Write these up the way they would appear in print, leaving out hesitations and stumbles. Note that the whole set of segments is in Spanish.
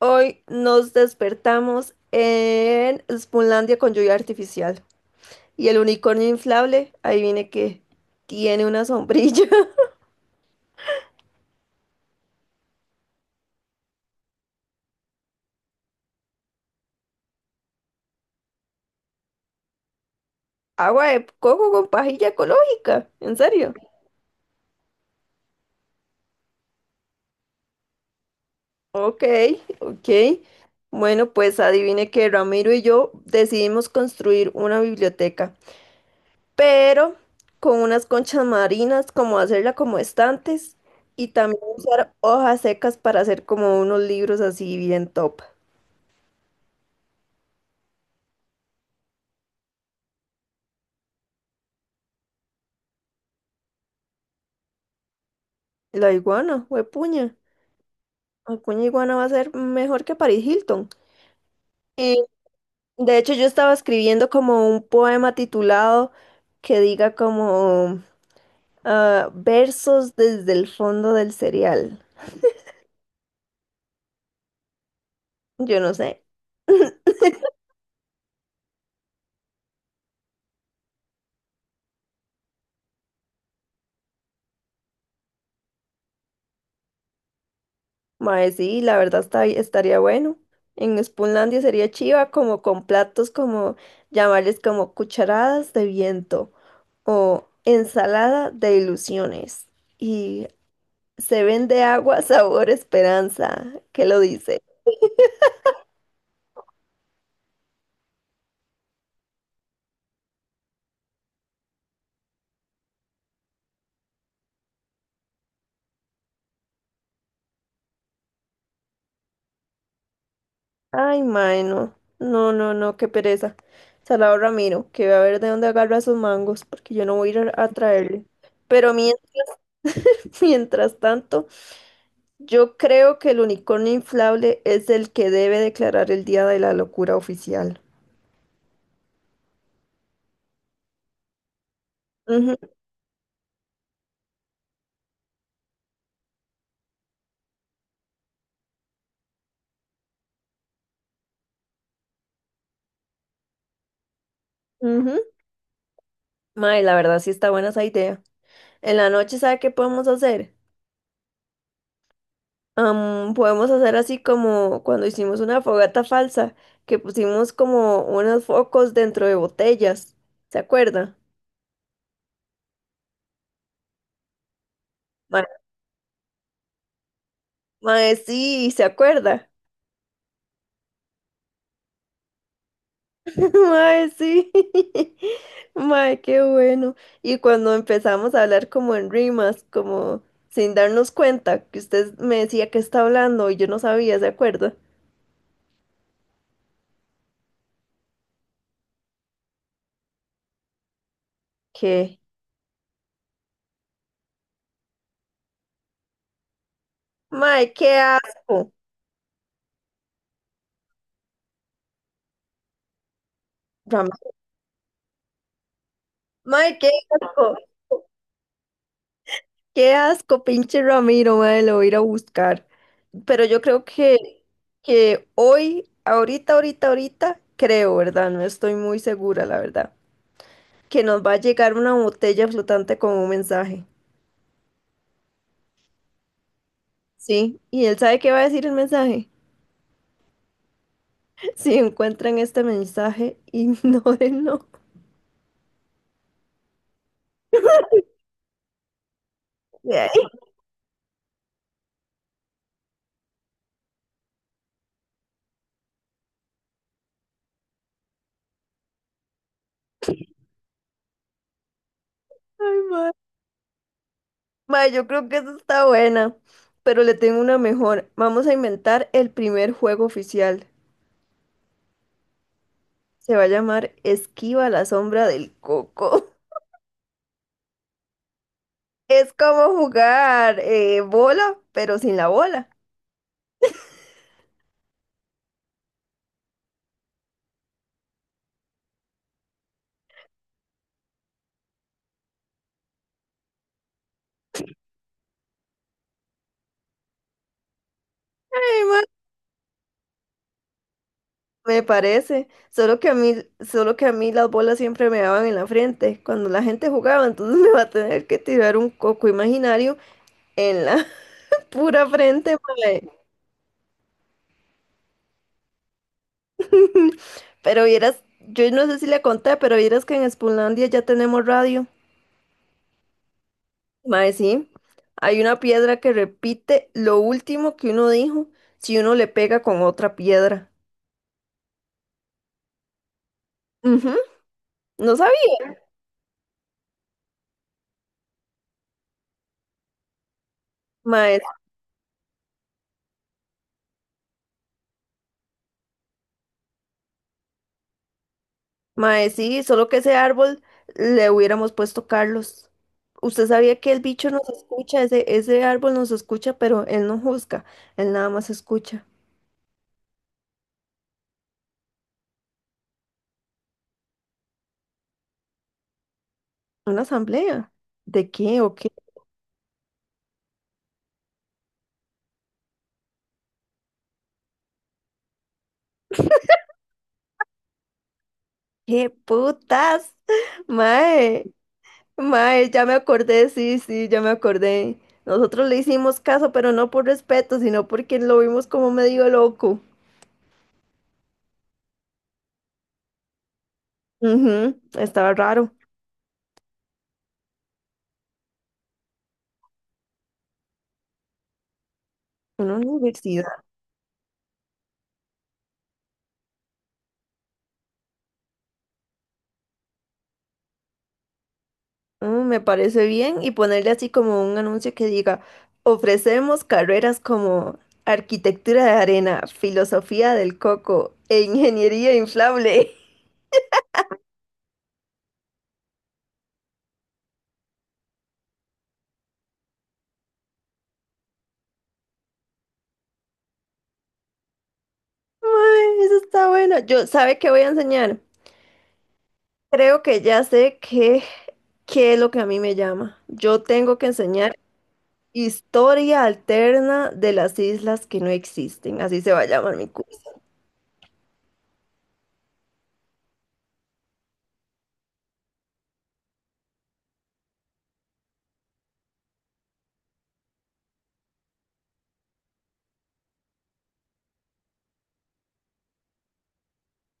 Hoy nos despertamos en Spunlandia con lluvia artificial. Y el unicornio inflable, adivine que tiene una sombrilla. Agua de coco con pajilla ecológica. ¿En serio? Ok, ok. Bueno, pues adivine que Ramiro y yo decidimos construir una biblioteca, pero con unas conchas marinas, como hacerla como estantes, y también usar hojas secas para hacer como unos libros así bien top. La iguana, huepuña. Acuña Iguana va a ser mejor que Paris Hilton. Y de hecho yo estaba escribiendo como un poema titulado que diga como versos desde el fondo del cereal. Yo no sé. Mae, sí, la verdad estaría bueno. En Spoonlandia sería chiva como con platos como llamarles como cucharadas de viento o ensalada de ilusiones. Y se vende agua sabor esperanza. ¿Qué lo dice? Ay, mae, no. No, no, no, qué pereza. Salado Ramiro, que va a ver de dónde agarra sus mangos, porque yo no voy a ir a traerle. Pero mien- Mientras tanto, yo creo que el unicornio inflable es el que debe declarar el día de la locura oficial. Ujú, ujú. Mae, la verdad sí está buena esa idea. En la noche, ¿sabe qué podemos hacer? Podemos hacer así como cuando hicimos una fogata falsa, que pusimos como unos focos dentro de botellas. ¿Se acuerda? Ma- Mae, sí, ¿se acuerda? Mae, sí. Mae, qué bueno. Y cuando empezamos a hablar como en rimas, como sin darnos cuenta, que usted me decía que está hablando y yo no sabía, ¿se acuerda? ¿Qué? Mae, qué asco. Mae, qué asco. Qué asco, pinche Ramiro, madre, lo voy a ir a buscar. Pero yo creo que hoy, ahorita, ahorita, ahorita, creo, ¿verdad? No estoy muy segura, la verdad, que nos va a llegar una botella flotante con un mensaje. Sí, y él sabe qué va a decir el mensaje. Si encuentran este mensaje, ignórenlo. Ay, madre. Madre, yo creo que eso está buena, pero le tengo una mejor. Vamos a inventar el primer juego oficial. Se va a llamar Esquiva la sombra del coco. Es como jugar bola, pero sin la bola. Ay, ma, me parece. Solo que a mí, solo que a mí las bolas siempre me daban en la frente cuando la gente jugaba, entonces me va a tener que tirar un coco imaginario en la pura frente, mae. Pero vieras, yo no sé si le conté, pero vieras que enSpunlandia ya tenemos radio. Mae, sí, hay una piedra que repite lo último que uno dijo si uno le pega con otra piedra. Ujú, no sabía. Mae, mae, sí, solo que ese árbol le hubiéramos puesto Carlos. Usted sabía que el bicho nos escucha, ese árbol nos escucha, pero él no juzga, él nada más escucha. ¿Una asamblea? ¿De qué o qué? ¿Qué putas? Mae. Mae, ya me acordé, sí, sí, ya me acordé. Nosotros le hicimos caso, pero no por respeto, sino porque lo vimos como medio loco. Ujú, estaba raro. Una universidad. Mm, me parece bien y ponerle así como un anuncio que diga, ofrecemos carreras como arquitectura de arena, filosofía del coco e ingeniería inflable. Mae, eso está bueno. Yo, ¿sabe qué voy a enseñar? Creo que ya sé qué es lo que a mí me llama. Yo tengo que enseñar historia alterna de las islas que no existen, así se va a llamar mi curso.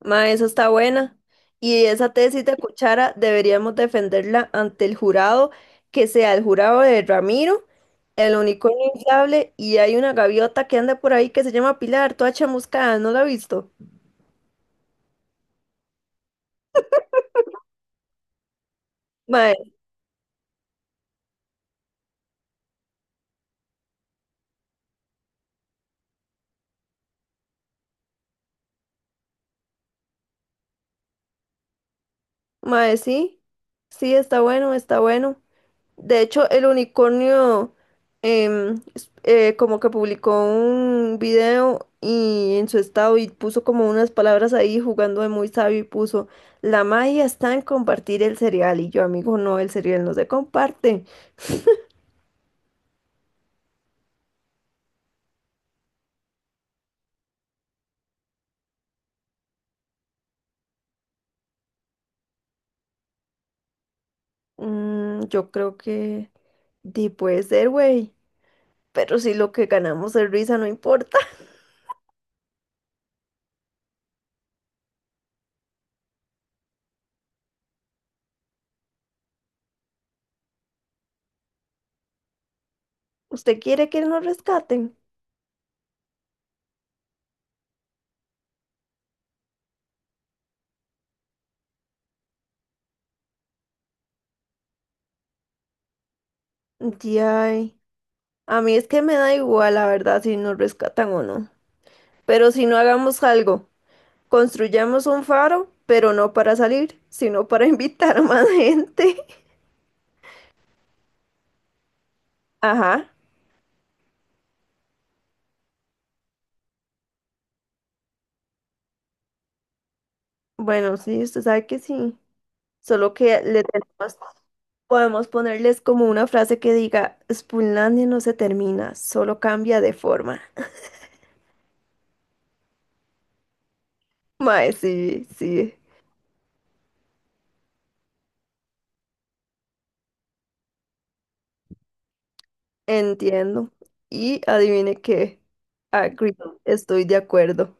Ma, eso está buena. Y esa tesis de Cuchara deberíamos defenderla ante el jurado, que sea el jurado de Ramiro, el unicornio inflable, y hay una gaviota que anda por ahí que se llama Pilar, toda chamuscada, ¿no la ha visto? Mae, mae, sí, sí, está bueno, está bueno. De hecho, el unicornio como que publicó un video y en su estado y puso como unas palabras ahí jugando de muy sabio y puso, la magia está en compartir el cereal y yo, amigo, no, el cereal no se comparte. Mm, yo creo que di puede ser, güey, pero si lo que ganamos es risa, no importa. ¿Usted quiere que nos rescaten? Ay, a mí es que me da igual, la verdad, si nos rescatan o no. Pero si no hagamos algo. Construyamos un faro, pero no para salir, sino para invitar a más gente. Ajá. Bueno, sí, usted sabe que sí. Solo que le tenemos, podemos ponerles como una frase que diga, Spoonlandia no se termina, solo cambia de forma. Mae, sí, sí, entiendo. Y adivine qué. Agree, estoy de acuerdo.